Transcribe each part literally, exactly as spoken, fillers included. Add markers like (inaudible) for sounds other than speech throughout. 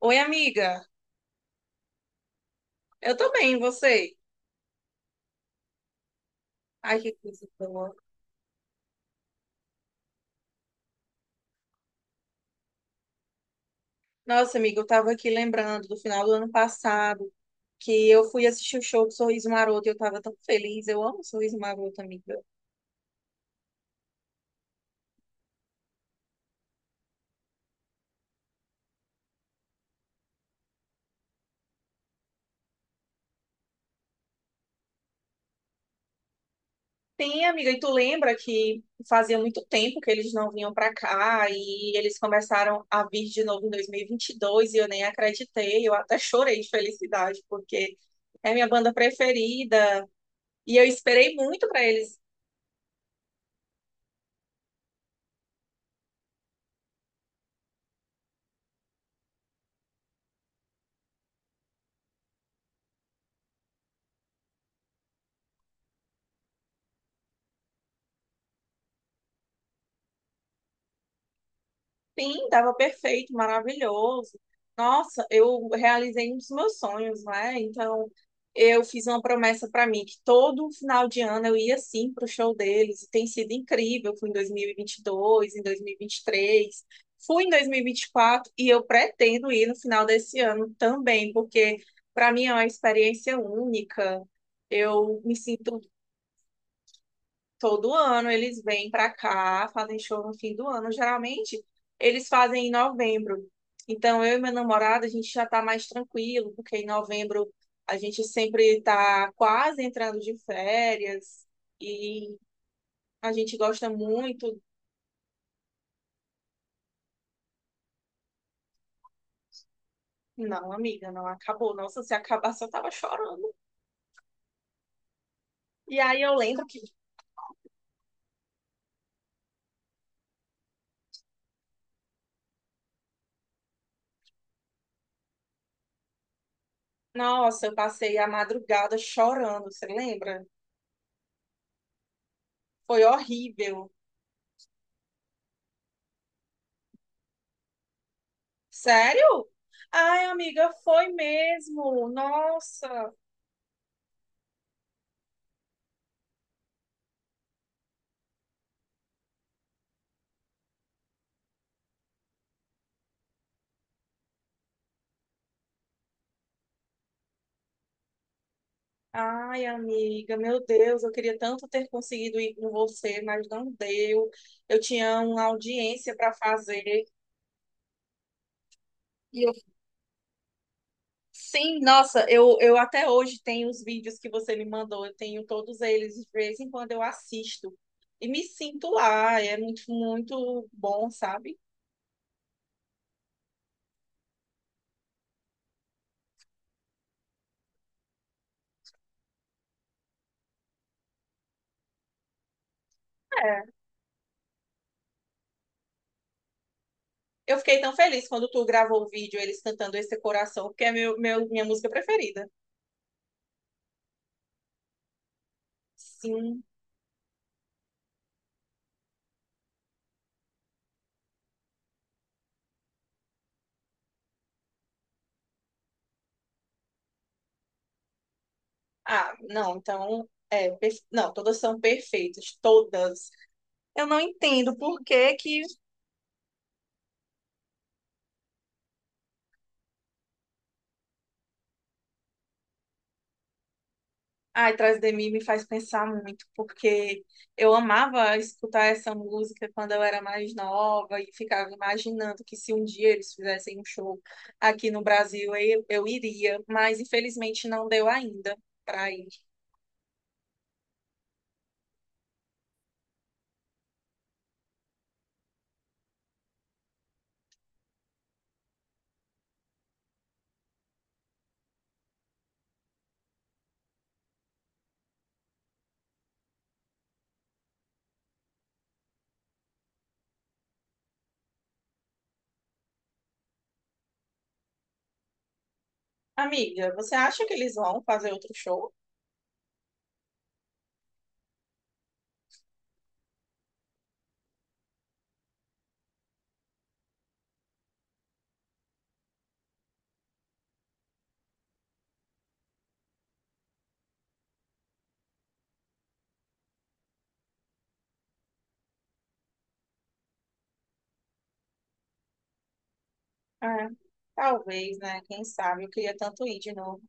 Oi, amiga. Eu tô bem, e você? Ai, que coisa boa. Nossa, amiga, eu tava aqui lembrando do final do ano passado que eu fui assistir o show do Sorriso Maroto e eu tava tão feliz. Eu amo o Sorriso Maroto, amiga. Tem, amiga, e tu lembra que fazia muito tempo que eles não vinham pra cá e eles começaram a vir de novo em dois mil e vinte e dois e vinte e dois e eu nem acreditei. Eu até chorei de felicidade porque é minha banda preferida. E eu esperei muito para eles Sim, estava perfeito, maravilhoso. Nossa, eu realizei um dos meus sonhos, né? Então, eu fiz uma promessa para mim que todo final de ano eu ia sim pro show deles. E tem sido incrível. Fui em dois mil e e vinte e dois, em dois mil e e vinte e três, fui em dois mil e e vinte e quatro e eu pretendo ir no final desse ano também, porque para mim é uma experiência única. Eu me sinto Todo ano eles vêm para cá, fazem show no fim do ano. Geralmente eles fazem em novembro. Então eu e meu namorado a gente já está mais tranquilo, porque em novembro a gente sempre está quase entrando de férias e a gente gosta muito. Não, amiga, não acabou. Nossa, se acabasse eu tava chorando. E aí eu lembro que, nossa, eu passei a madrugada chorando, você lembra? Foi horrível. Sério? Ai, amiga, foi mesmo. Nossa. Ai, amiga, meu Deus, eu queria tanto ter conseguido ir com você, mas não deu. Eu tinha uma audiência para fazer. E eu, sim, nossa, eu, eu até hoje tenho os vídeos que você me mandou, eu tenho todos eles, de vez em quando eu assisto. E me sinto lá, é muito, muito bom, sabe? É. Eu fiquei tão feliz quando tu gravou o vídeo, eles cantando Esse Coração, porque é meu, meu, minha música preferida. Sim. Ah, não, então, é, perfe- não, todas são perfeitas, todas. Eu não entendo por que que Ai, Trás de Mim me faz pensar muito, porque eu amava escutar essa música quando eu era mais nova e ficava imaginando que se um dia eles fizessem um show aqui no Brasil, eu, eu iria, mas infelizmente não deu ainda pra ir. Amiga, você acha que eles vão fazer outro show? É, talvez, né? Quem sabe? Eu queria tanto ir de novo.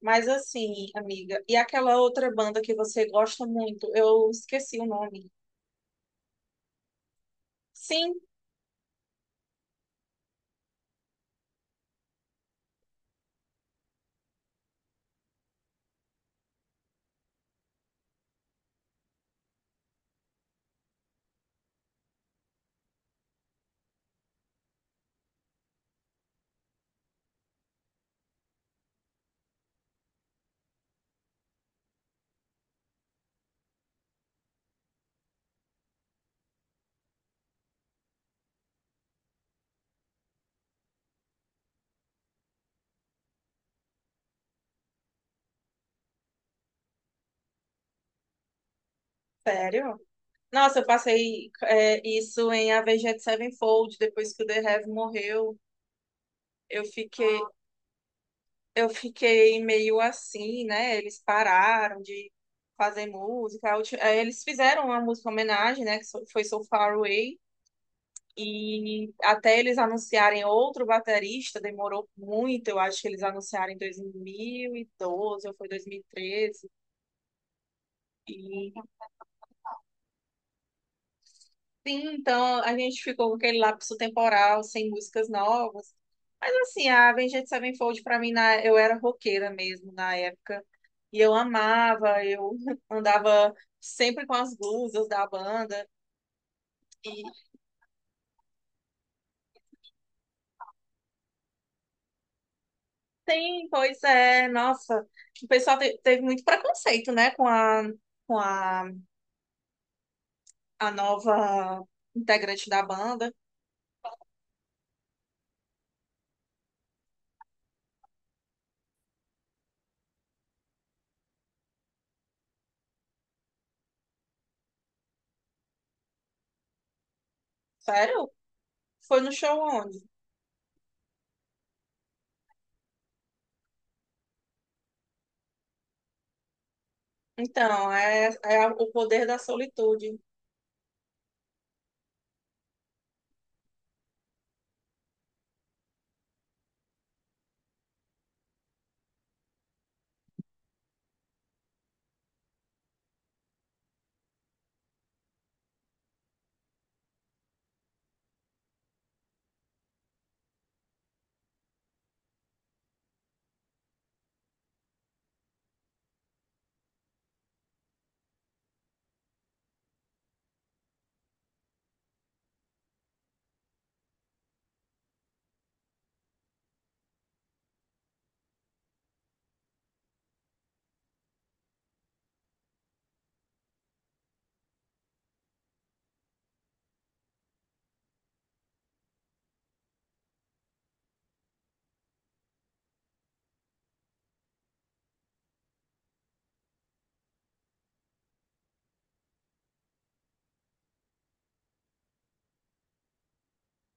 Mas assim, amiga, e aquela outra banda que você gosta muito, eu esqueci o nome. Sim, sério? Nossa, eu passei é, isso em Avenged Sevenfold, depois que o The Heavy morreu, eu fiquei, eu fiquei meio assim, né? Eles pararam de fazer música. A ulti- eh, Eles fizeram uma música homenagem, né? Que so- foi So Far Away. E até eles anunciarem outro baterista, demorou muito. Eu acho que eles anunciaram em dois mil e doze ou foi dois mil e treze. E treze. E, sim, então a gente ficou com aquele lapso temporal, sem músicas novas. Mas assim, a Avenged Sevenfold pra mim, na... eu era roqueira mesmo na época. E eu amava, eu (laughs) andava sempre com as blusas da banda. E sim, pois é, nossa. O pessoal te- teve muito preconceito, né, com a com a a nova integrante da banda. Sério? Foi no show onde? Então, é, é a- o poder da solitude.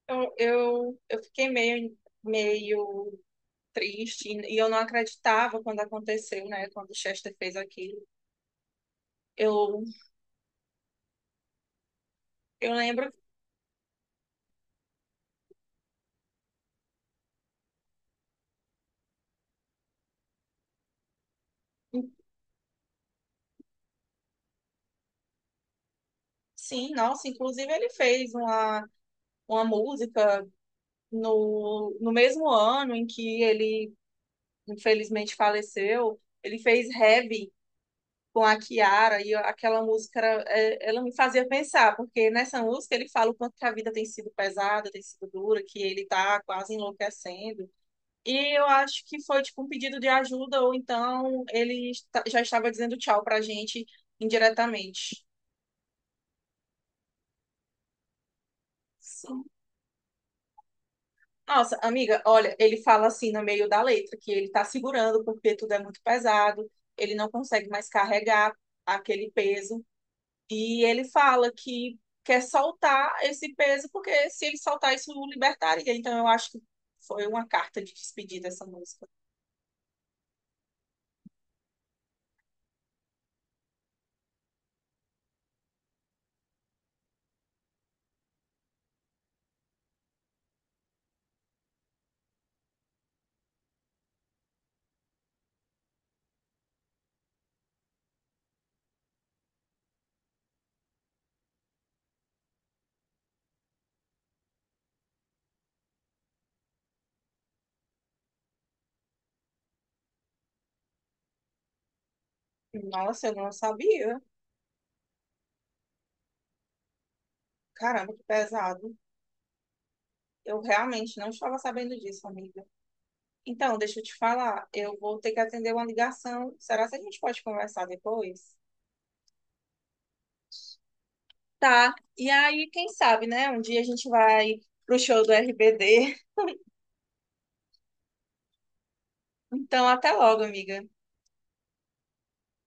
Eu, eu, eu fiquei meio, meio triste e eu não acreditava quando aconteceu, né? Quando o Chester fez aquilo. Eu, eu lembro, sim, nossa, inclusive ele fez uma, uma música no, no mesmo ano em que ele infelizmente faleceu. Ele fez Heavy, com a Chiara e aquela música era- é, ela me fazia pensar, porque nessa música ele fala o quanto que a vida tem sido pesada, tem sido dura, que ele tá quase enlouquecendo. E eu acho que foi tipo um pedido de ajuda, ou então ele esta- já estava dizendo tchau pra gente indiretamente. Sim. Nossa, amiga, olha, ele fala assim no meio da letra que ele tá segurando porque tudo é muito pesado, ele não consegue mais carregar aquele peso. E ele fala que quer soltar esse peso, porque se ele soltar isso, o libertaria. Então, eu acho que foi uma carta de despedida essa música. Nossa, eu não sabia. Caramba, que pesado. Eu realmente não estava sabendo disso, amiga. Então, deixa eu te falar, eu vou ter que atender uma ligação. Será que a gente pode conversar depois? Tá. E aí, quem sabe, né? Um dia a gente vai pro show do R B D. Então, até logo, amiga.